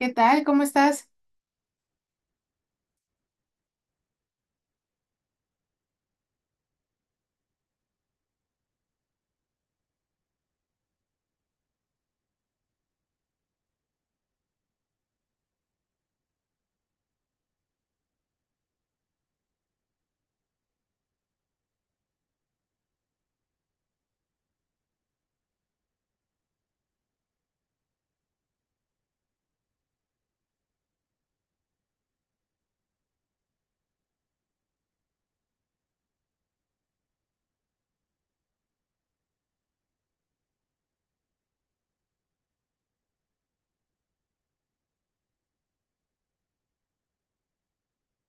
¿Qué tal? ¿Cómo estás?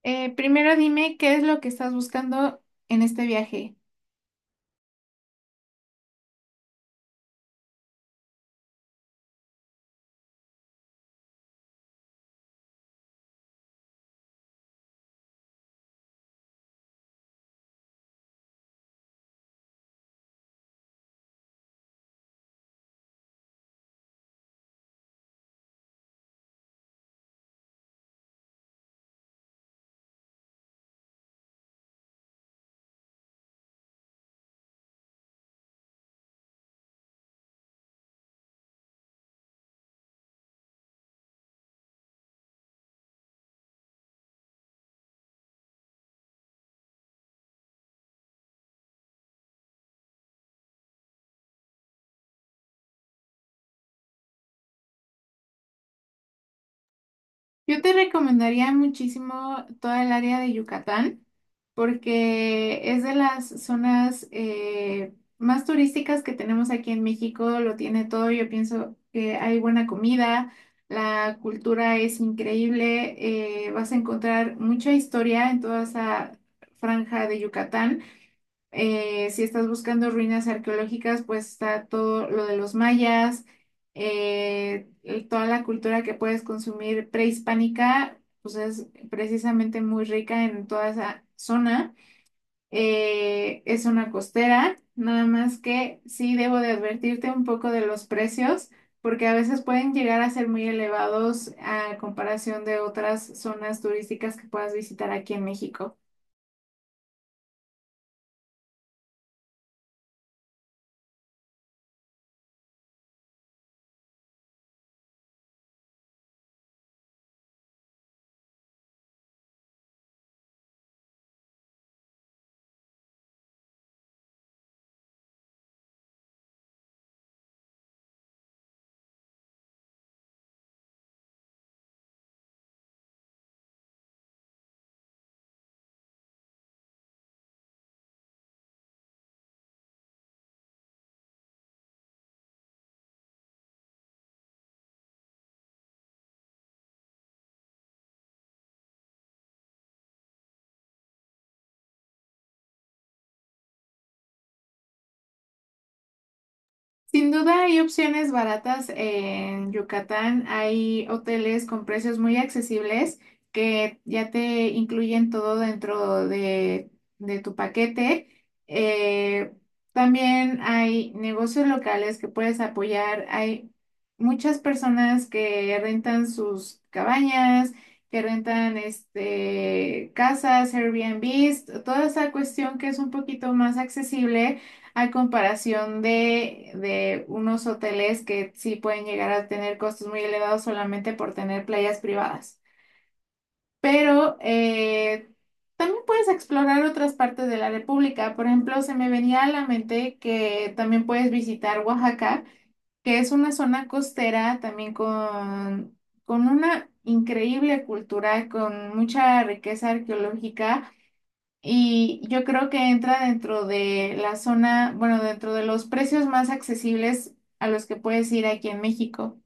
Primero dime qué es lo que estás buscando en este viaje. Yo te recomendaría muchísimo toda el área de Yucatán porque es de las zonas más turísticas que tenemos aquí en México. Lo tiene todo. Yo pienso que hay buena comida, la cultura es increíble. Vas a encontrar mucha historia en toda esa franja de Yucatán. Si estás buscando ruinas arqueológicas, pues está todo lo de los mayas, y toda la cultura que puedes consumir prehispánica, pues es precisamente muy rica en toda esa zona. Es una costera, nada más que sí debo de advertirte un poco de los precios, porque a veces pueden llegar a ser muy elevados a comparación de otras zonas turísticas que puedas visitar aquí en México. Sin duda hay opciones baratas en Yucatán. Hay hoteles con precios muy accesibles que ya te incluyen todo dentro de tu paquete. Eh, También hay negocios locales que puedes apoyar. Hay muchas personas que rentan sus cabañas, que rentan este, casas, Airbnbs, toda esa cuestión que es un poquito más accesible a comparación de unos hoteles que sí pueden llegar a tener costos muy elevados solamente por tener playas privadas. Pero también puedes explorar otras partes de la República. Por ejemplo, se me venía a la mente que también puedes visitar Oaxaca, que es una zona costera también con una increíble cultura, con mucha riqueza arqueológica y yo creo que entra dentro de la zona, bueno, dentro de los precios más accesibles a los que puedes ir aquí en México.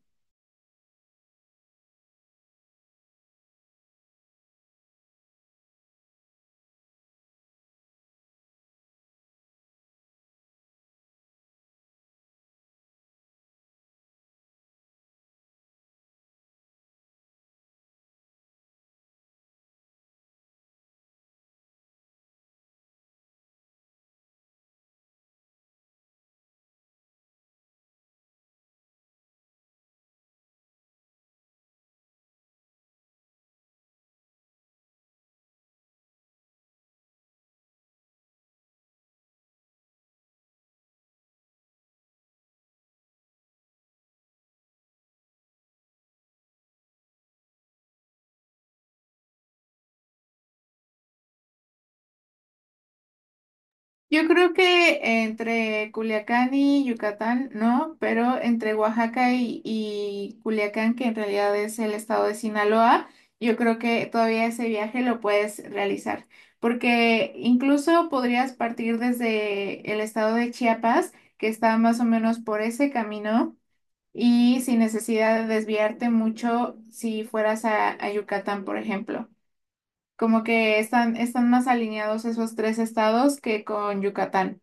Yo creo que entre Culiacán y Yucatán, no, pero entre Oaxaca y Culiacán, que en realidad es el estado de Sinaloa, yo creo que todavía ese viaje lo puedes realizar, porque incluso podrías partir desde el estado de Chiapas, que está más o menos por ese camino y sin necesidad de desviarte mucho si fueras a Yucatán, por ejemplo. Como que están, están más alineados esos tres estados que con Yucatán.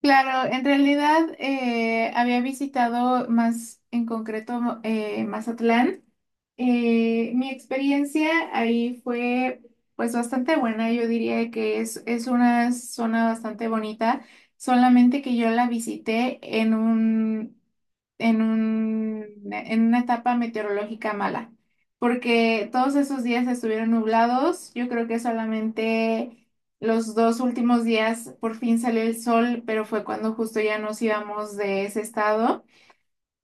Claro, en realidad había visitado más en concreto Mazatlán. Mi experiencia ahí fue pues bastante buena. Yo diría que es una zona bastante bonita, solamente que yo la visité en un en una etapa meteorológica mala, porque todos esos días estuvieron nublados. Yo creo que solamente los dos últimos días por fin salió el sol, pero fue cuando justo ya nos íbamos de ese estado.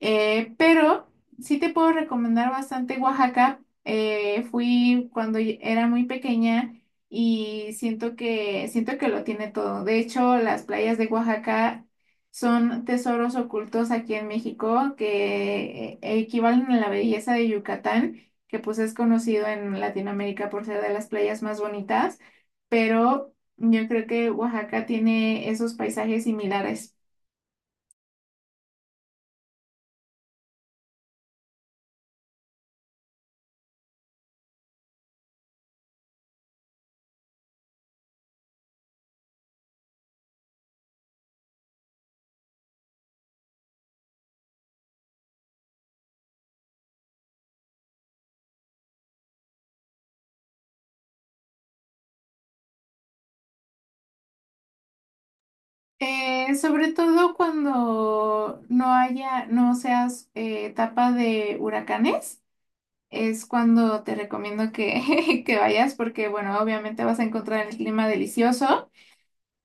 Pero sí te puedo recomendar bastante Oaxaca. Fui cuando era muy pequeña y siento que lo tiene todo. De hecho, las playas de Oaxaca son tesoros ocultos aquí en México que equivalen a la belleza de Yucatán, que pues es conocido en Latinoamérica por ser de las playas más bonitas, pero yo creo que Oaxaca tiene esos paisajes similares. Sobre todo cuando no haya, no seas etapa de huracanes, es cuando te recomiendo que, que vayas porque, bueno, obviamente vas a encontrar el clima delicioso,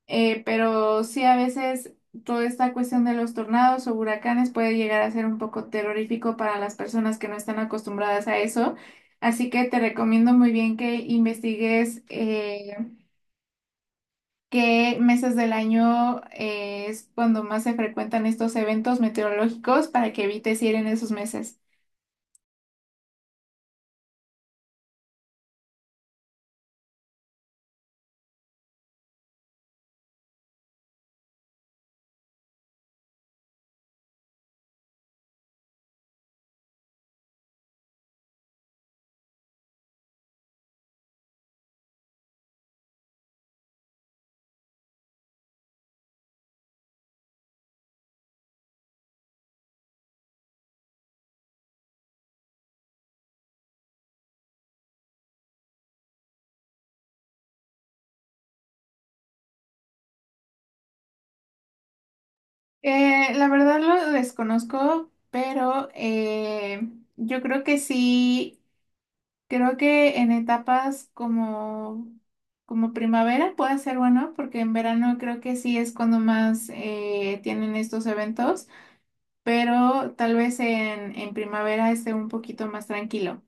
pero sí a veces toda esta cuestión de los tornados o huracanes puede llegar a ser un poco terrorífico para las personas que no están acostumbradas a eso. Así que te recomiendo muy bien que investigues. ¿Qué meses del año es cuando más se frecuentan estos eventos meteorológicos para que evites ir en esos meses? La verdad lo desconozco, pero yo creo que sí, creo que en etapas como, como primavera puede ser bueno, porque en verano creo que sí es cuando más tienen estos eventos, pero tal vez en primavera esté un poquito más tranquilo.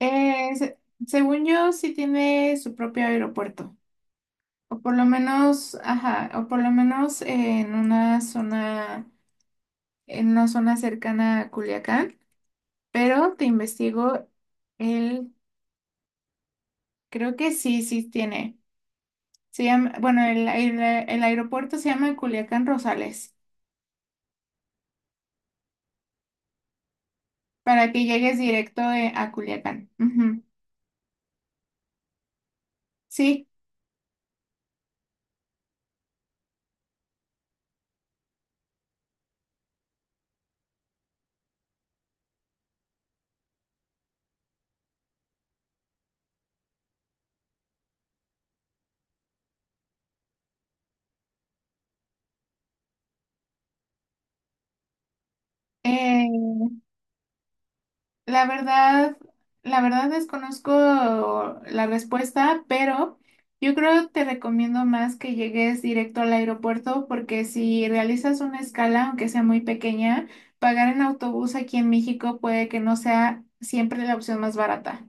Eh, se- Según yo, sí tiene su propio aeropuerto, o por lo menos, ajá, o por lo menos en una zona cercana a Culiacán, pero te investigo, él creo que sí, sí tiene. Se llama, bueno, el aeropuerto se llama Culiacán Rosales, para que llegues directo a Culiacán. Ujú. Sí, eh, La verdad, la verdad desconozco la respuesta, pero yo creo te recomiendo más que llegues directo al aeropuerto porque si realizas una escala, aunque sea muy pequeña, pagar en autobús aquí en México puede que no sea siempre la opción más barata.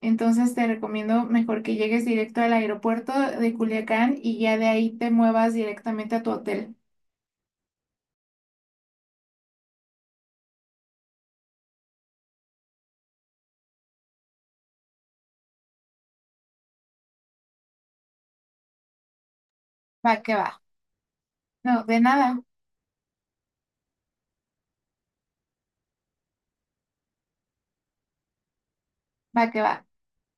Entonces te recomiendo mejor que llegues directo al aeropuerto de Culiacán y ya de ahí te muevas directamente a tu hotel. Va que va. No, de nada, va que va.